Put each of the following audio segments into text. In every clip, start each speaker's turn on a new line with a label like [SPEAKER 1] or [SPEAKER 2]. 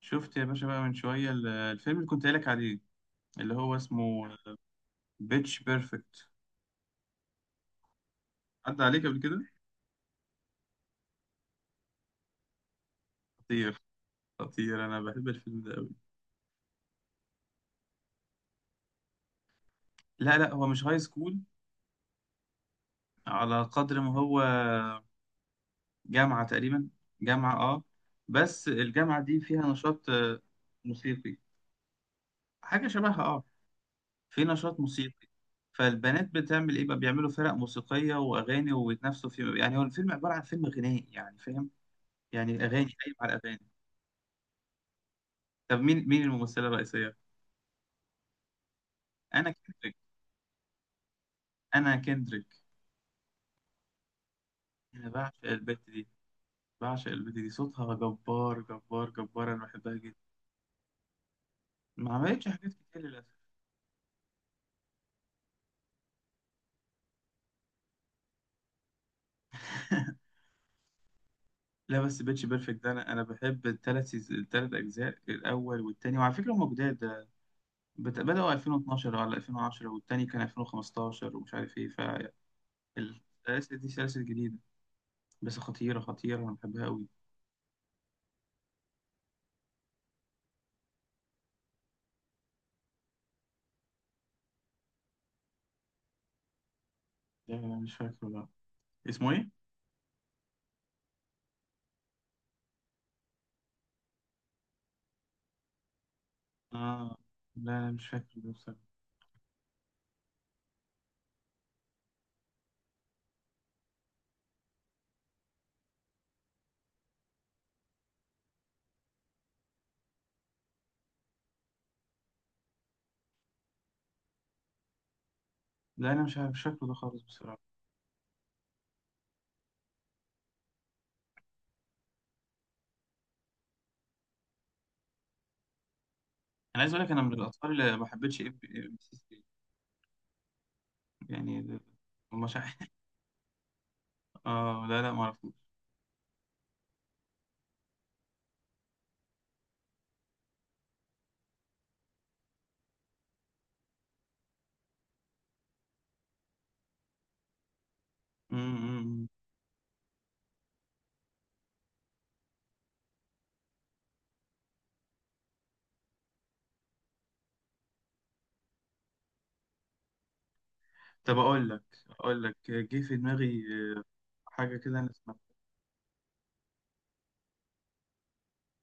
[SPEAKER 1] شفت يا باشا بقى من شوية الفيلم اللي كنت قايلك عليه، اللي هو اسمه بيتش بيرفكت. عدى عليك قبل كده؟ خطير. خطير، أنا بحب الفيلم ده أوي. لا لا، هو مش هاي سكول، على قدر ما هو جامعة تقريبا. جامعة اه. بس الجامعة دي فيها نشاط موسيقي، حاجة شبهها اه، في نشاط موسيقي. فالبنات بتعمل ايه بقى؟ بيعملوا فرق موسيقية وأغاني وبيتنافسوا في، يعني هو الفيلم عبارة عن فيلم غنائي، يعني فاهم، يعني أغاني قايم على أغاني. طب مين الممثلة الرئيسية؟ انا كندريك. انا كندريك. انا بعشق البت دي. بعشق البت دي، صوتها جبار جبار جبار، انا بحبها جدا. ما عملتش حاجات كتير للاسف. لا، بس بيتش بيرفكت ده، انا بحب الثلاث اجزاء، الاول والتاني، وعلى فكره هم جداد ده. بداوا 2012 ولا 2010، والتاني كان 2015، ومش عارف ايه. فالسلاسل دي سلاسل جديده، بس خطيره خطيره، انا بحبها قوي. لا لا، مش فاكره لا. اسمه ايه؟ اه لا لا، مش فاكره ده بصراحه. لا، انا مش عارف، مش فاكره ده خالص بصراحه. انا عايز اقول لك، انا من الاطفال اللي ما حبيتش ام بي سي 3. يعني مش عارف. اه لا لا، ما اعرفوش. أمم، أمم، أمم. طب اقول لك، جه في دماغي حاجه كده انا سمعتها.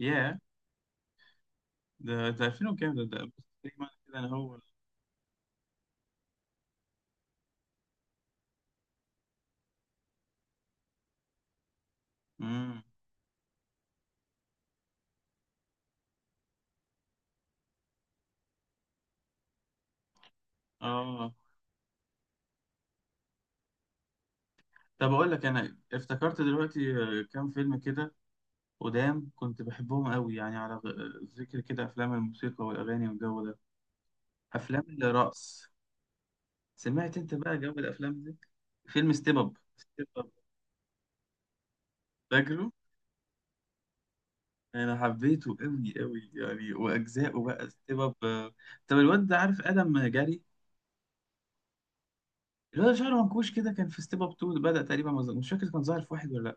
[SPEAKER 1] ياه، ده 2000 وكام ده بس زي ما أنا كده انا هو. امم. اه. طب اقول لك، انا افتكرت دلوقتي كام فيلم كده قدام كنت بحبهم قوي، يعني على ذكر كده افلام الموسيقى والاغاني والجو ده. افلام الرقص. سمعت انت بقى جو الافلام دي؟ فيلم ستيب اب. فاكره؟ انا حبيته قوي قوي يعني، واجزائه بقى ستيب اب. طب الواد ده، عارف ادم جاري؟ الواد شعره منكوش كده، كان في ستيب اب 2، بدأ تقريبا، مش فاكر كان ظاهر في واحد ولا لا.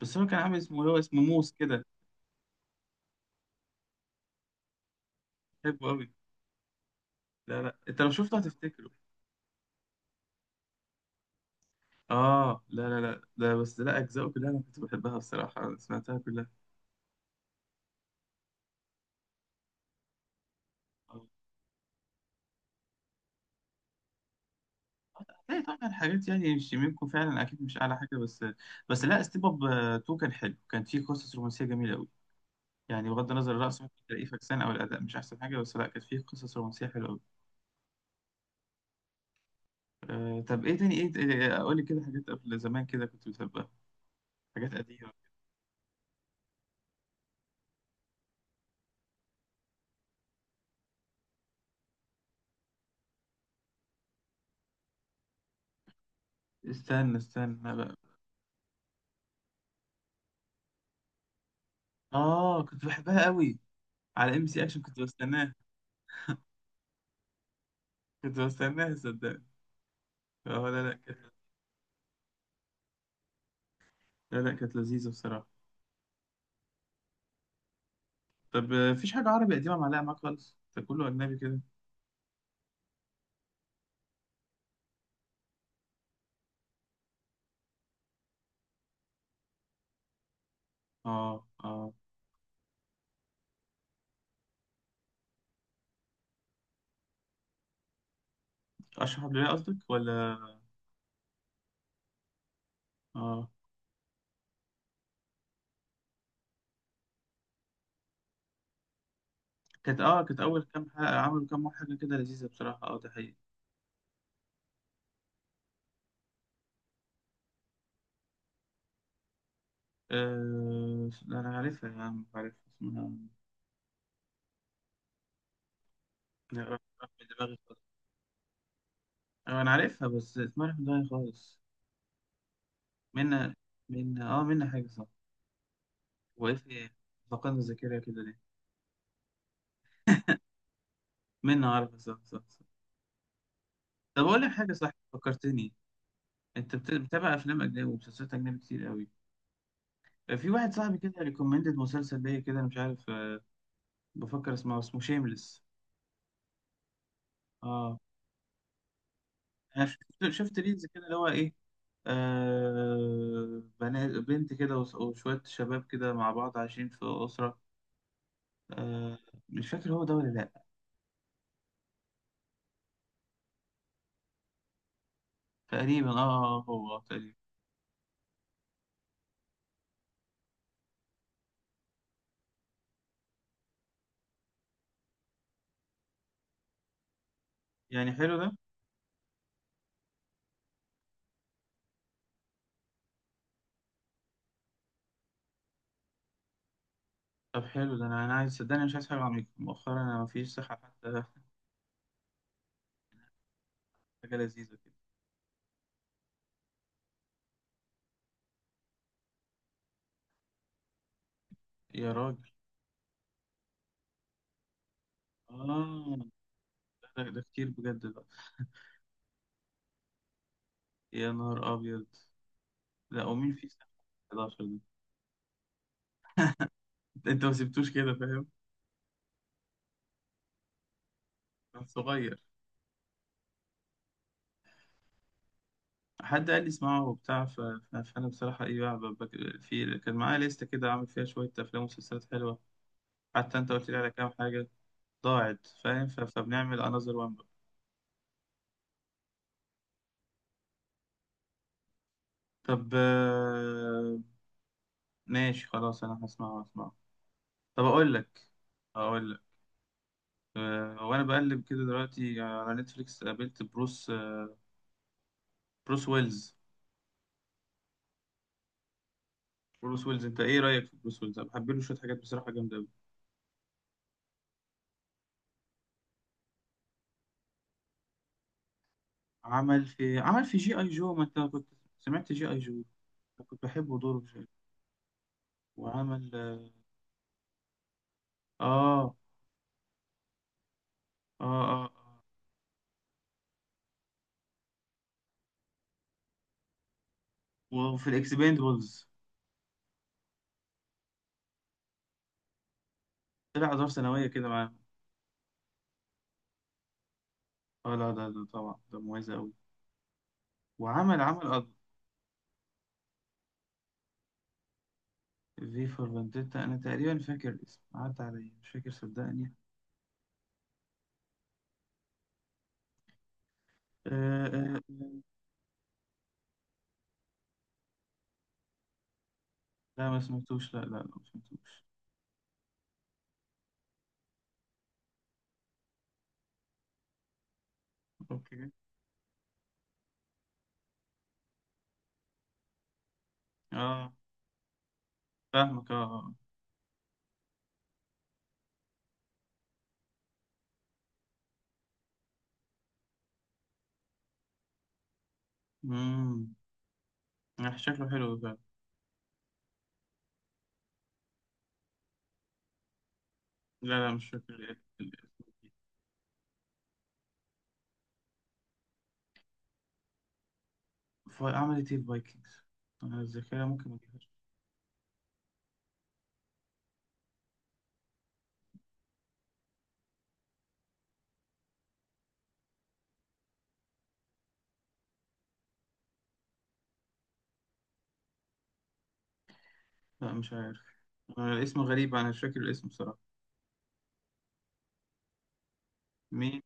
[SPEAKER 1] بس هو كان عامل اسمه، هو اسمه موس كده. بحبه قوي. لا لا، انت لو شفته هتفتكره. اه لا لا لا، ده بس لا، اجزائه كلها انا كنت بحبها الصراحه، أنا سمعتها كلها. آه. هتلاقي طبعا حاجات يعني مش منكم فعلا، اكيد مش اعلى حاجه بس. بس لا، ستيب اب 2 كان حلو، كان فيه قصص رومانسيه جميله قوي. يعني بغض النظر الرقص ممكن تلاقيه فكسان، او الاداء مش احسن حاجه، بس لا كانت فيه قصص رومانسيه حلوه قوي. طب ايه تاني؟ ايه قول لي كده حاجات قبل زمان كده كنت بتحبها. حاجات قديمه. استنى استنى بقى. اه كنت بحبها قوي، على ام سي اكشن كنت بستناها. كنت بستناها صدقني. اه لا لا كانت لا لا كانت لذيذه بصراحه. طب مفيش حاجه عربي قديمه معلقه معاك خالص؟ ده كله اجنبي كده. اه اه. اشرح عبد الباقي قصدك ولا؟ اه. كانت اول كام حلقه، عملوا كام حاجه كده لذيذه بصراحه، اه ده حقيقي. لا، أنا عارفها يا عم، عارفها اسمها. أنا راح من دماغي خالص. أنا عارفها بس اسمها راح من دماغي خالص. منا منا حاجة صح. وقف إيه في إيه؟ فقدنا الذاكرة كده ليه؟ منا عارفة، صح صح صح. طب أقول لك حاجة، صح فكرتني. أنت بتتابع أفلام أجنبي ومسلسلات أجنبي كتير قوي. في واحد صاحبي كده ريكومندد مسلسل ليا كده، أنا مش عارف بفكر اسمه شيمليس. آه. أنا شفت ريلز كده، اللي هو إيه، بنت كده وشوية شباب كده مع بعض عايشين في أسرة. آه. مش فاكر هو ده ولا لأ. تقريبا اه، هو تقريبا. يعني حلو ده. طب حلو ده، أنا عايز صدقني، مش عايز حاجة عميقة مؤخرا، أنا مفيش صحة حتى. حاجة لذيذة كده. يا راجل. اه. ده كتير بجد بقى. يا نهار أبيض. لا، ومين فيه صحة؟ 11. ده أنت ما سبتوش كده فاهم. كان صغير. حد قال لي اسمعه وبتاع، فانا بصراحه ايه بقى، في كان معايا لسته كده عامل فيها شويه افلام ومسلسلات حلوه. حتى انت قلت لي على كام حاجه ضاعت، فاهم؟ فبنعمل انذر وان بقى. طب ماشي خلاص، انا هسمعه هسمعه. طب اقول لك، اقول لك وانا بقلب كده دلوقتي على نتفليكس، قابلت بروس بروس ويلز. بروس ويلز، انت ايه رايك في بروس ويلز؟ انا بحب له شويه حاجات بصراحه جامده قوي. عمل في جي اي جو، ما انت كنت سمعت جي اي جو. أنا كنت بحبه دوره. وعمل اه. اه, اه. آه. وفي الاكسبندبلز. طلع ادوار ثانويه كده معاهم. اه لا، ده طبعا ده مميز قوي. وعمل في فور فانديتا، انا تقريبا فاكر الاسم، عدى عليا مش فاكر صدقني. آه آه آه. لا ما سمعتوش، لا لا لا ما سمعتوش. اوكي. اه فاهمك اه آه. امم. شكله حلو فعلا. لا لا مش فاكر ال- الاسم. عملت ايه الفايكنجز؟ انا الذاكره ممكن ما اجيبهاش. لا مش عارف. الاسم غريب، انا مش فاكر الاسم بصراحه. مين؟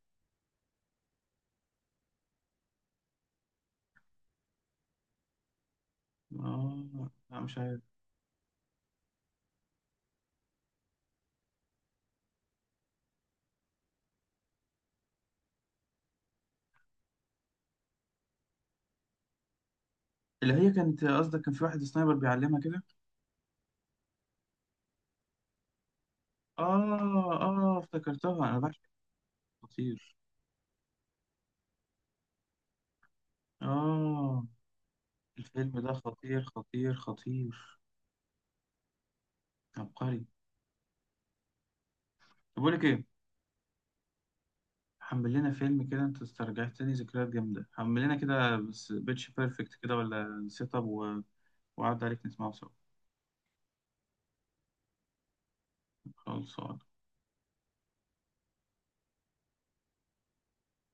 [SPEAKER 1] اه لا مش عارف. اللي هي كانت قصدك كان في واحد سنايبر بيعلمها كده. اه اه، افتكرتها، انا بعشق. خطير. اه الفيلم ده خطير خطير خطير. عبقري. طب بقول لك ايه، حمل لنا فيلم كده، انت استرجعتني ذكريات جامده. حمل لنا كده بس بيتش بيرفكت كده، ولا سيت اب وقعد عليك نسمعه سوا. خلاص.